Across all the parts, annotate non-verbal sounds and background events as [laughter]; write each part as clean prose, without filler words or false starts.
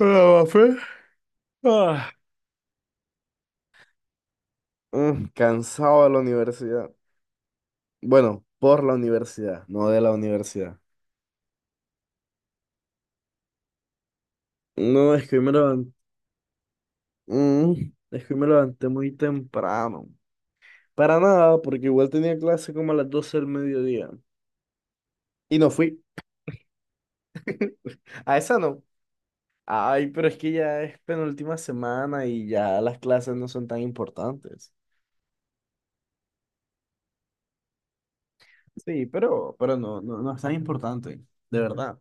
Ah, fe. Ah. Cansado de la universidad. Bueno, por la universidad, no de la universidad. No, es que hoy me levanté, es que hoy me levanté muy temprano. Para nada, porque igual tenía clase como a las 12 del mediodía. Y no fui. A esa no. Ay, pero es que ya es penúltima semana y ya las clases no son tan importantes. Sí, pero no es tan importante, de verdad.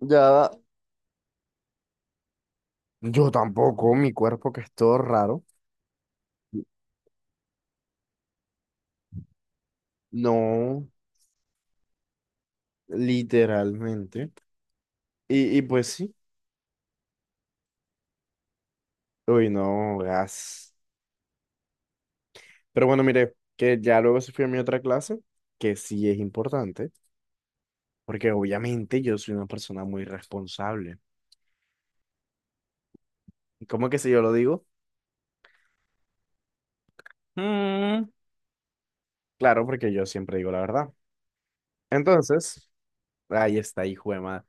Ya, yo tampoco, mi cuerpo que es todo raro. No, literalmente. Y pues sí. Uy, no, gas. Pero bueno, mire, que ya luego se fue a mi otra clase, que sí es importante, porque obviamente yo soy una persona muy responsable. ¿Y cómo que si yo lo digo? Mm, claro, porque yo siempre digo la verdad. Entonces, ahí está, hijo de madre.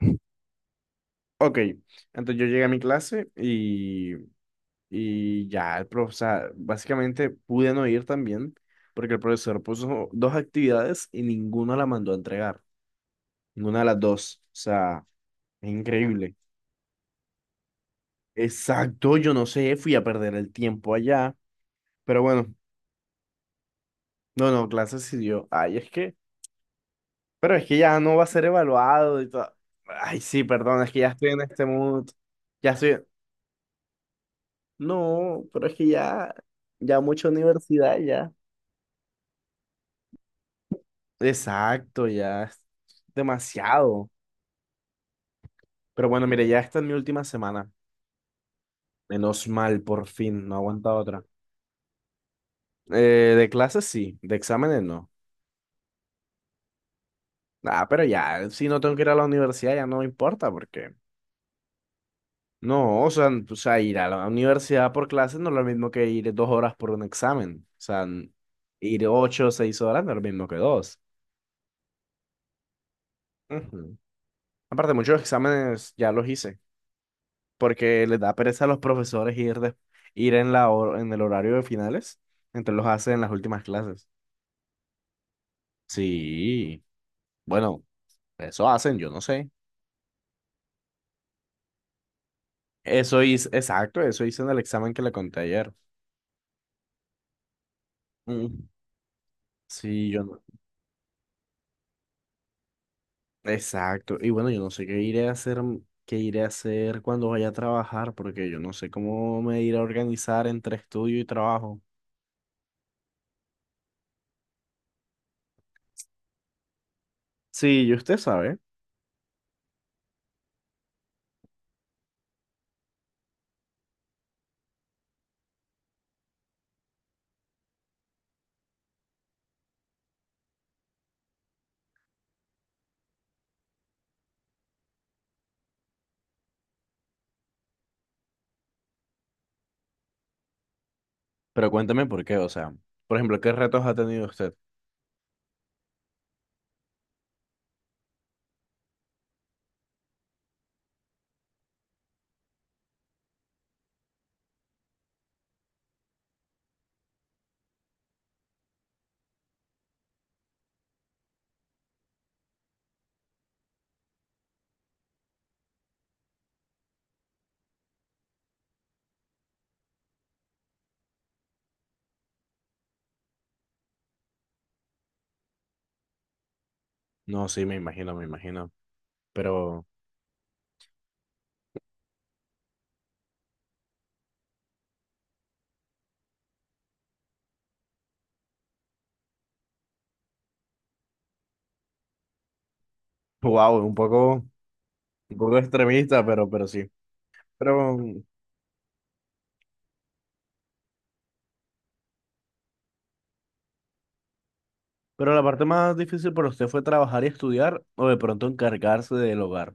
[laughs] Ok, entonces yo llegué a mi clase y ya, o sea, básicamente pude no ir también porque el profesor puso dos actividades y ninguna la mandó a entregar. Ninguna de las dos. O sea, es increíble. Exacto, yo no sé, fui a perder el tiempo allá. Pero bueno, no, no, clases sí dio. Ay, pero es que ya no va a ser evaluado y todo. Ay, sí, perdón, es que ya estoy en este mood. Ya estoy. No, pero es que ya, mucha universidad ya. Exacto, ya es demasiado. Pero bueno, mire, ya esta es mi última semana. Menos mal, por fin, no aguanta otra. De clases sí, de exámenes no. Ah, pero ya, si no tengo que ir a la universidad ya no me importa porque... No, o sea, o sea, ir a la universidad por clases no es lo mismo que ir 2 horas por un examen. O sea, ir 8 o 6 horas no es lo mismo que dos. Ujú. Aparte, muchos exámenes ya los hice porque les da pereza a los profesores ir, ir en el horario de finales, entonces los hacen en las últimas clases. Sí. Bueno, eso hacen, yo no sé. Eso hice, exacto, eso hice en el examen que le conté ayer. Mm, sí, yo no. Exacto. Y bueno, yo no sé qué iré a hacer cuando vaya a trabajar, porque yo no sé cómo me iré a organizar entre estudio y trabajo. Sí, y usted sabe, pero cuéntame por qué, o sea, por ejemplo, ¿qué retos ha tenido usted? No, sí, me imagino, pero [laughs] wow, un poco, extremista, pero sí. Pero Pero la parte más difícil para usted fue trabajar y estudiar o de pronto encargarse del hogar.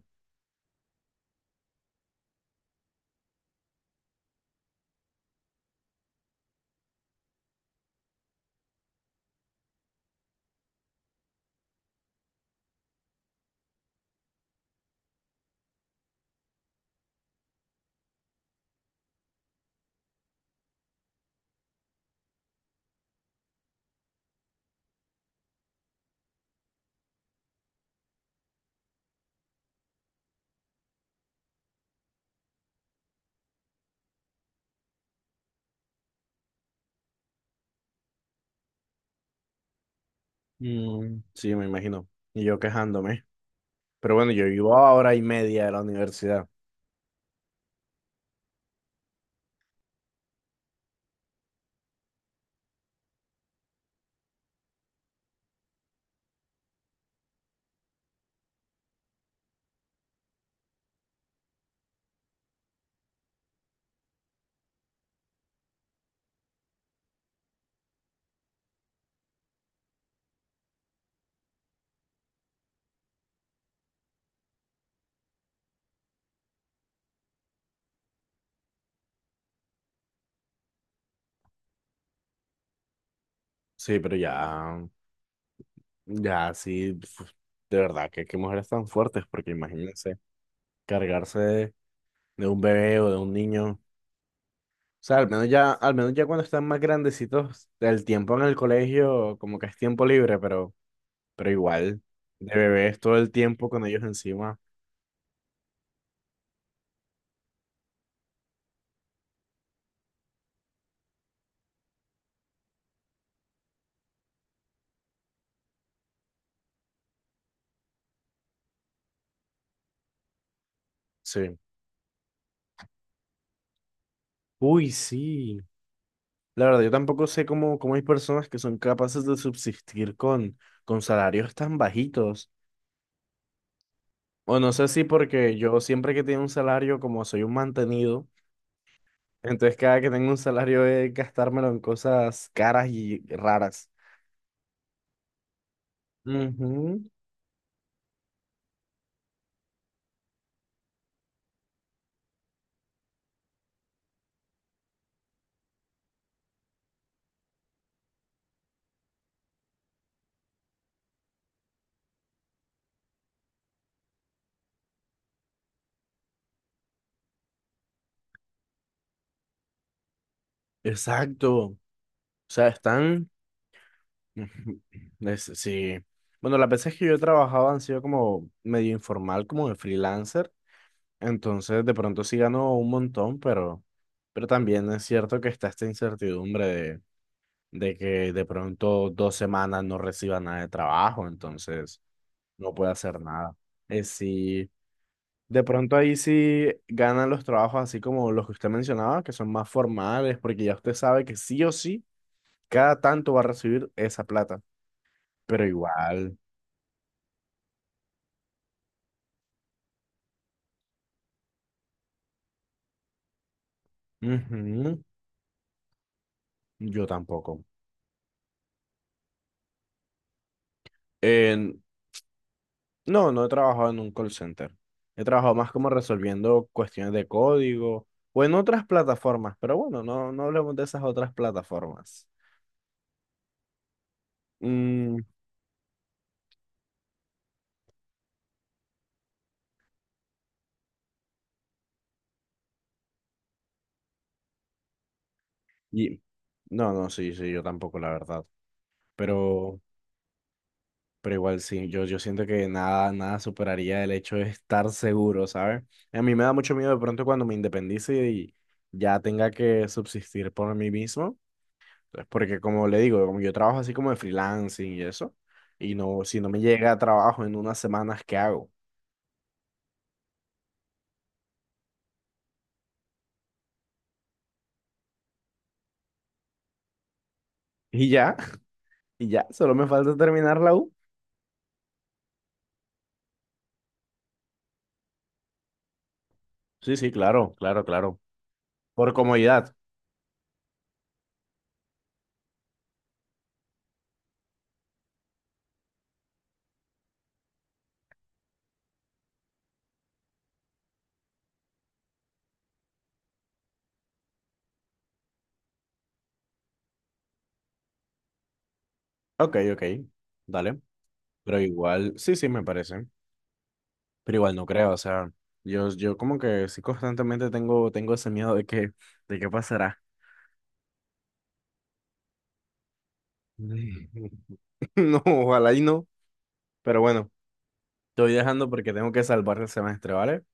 Mm, sí, me imagino. Y yo quejándome. Pero bueno, yo vivo a hora y media de la universidad. Sí, pero ya, ya, sí, uf, de verdad, que qué mujeres tan fuertes, porque imagínense, cargarse de un bebé o de un niño. O sea, al menos ya cuando están más grandecitos, el tiempo en el colegio como que es tiempo libre, pero igual, de bebés todo el tiempo con ellos encima. Sí. Uy, sí. La verdad, yo tampoco sé cómo hay personas que son capaces de subsistir con salarios tan bajitos. O no sé si porque yo siempre que tengo un salario, como soy un mantenido, entonces cada que tengo un salario es gastármelo en cosas caras y raras. Ujú, exacto. O sea, están... [laughs] Ujú, sí. Bueno, las veces que yo he trabajado han sido como medio informal, como de freelancer. Entonces, de pronto sí ganó un montón, pero también es cierto que está esta incertidumbre de que de pronto 2 semanas no reciba nada de trabajo, entonces no puede hacer nada. Sí, de pronto ahí sí ganan los trabajos así como los que usted mencionaba, que son más formales, porque ya usted sabe que sí o sí, cada tanto va a recibir esa plata, pero igual, ujú, yo tampoco. Eh, No, no he trabajado en un call center. He trabajado más como resolviendo cuestiones de código o en otras plataformas, pero bueno, no, no hablemos de esas otras plataformas. Mm, y, no, no, sí, sí, yo tampoco, la verdad. Pero, pero igual sí, yo siento que nada, nada superaría el hecho de estar seguro, ¿sabes? A mí me da mucho miedo de pronto cuando me independice y ya tenga que subsistir por mí mismo. Entonces, porque como le digo, como yo trabajo así como de freelancing y eso, y no, si no me llega trabajo en unas semanas, ¿qué hago? Y ya, [laughs] y ya, solo me falta terminar la U. Sí, sí, claro, claro, claro. Por comodidad. Ok, ok, dale. Pero igual, sí, sí, me parece. Pero igual no creo, o sea, yo como que sí constantemente tengo ese miedo de qué pasará. [laughs] No, ojalá y no. Pero bueno, te voy dejando porque tengo que salvar el semestre, ¿vale?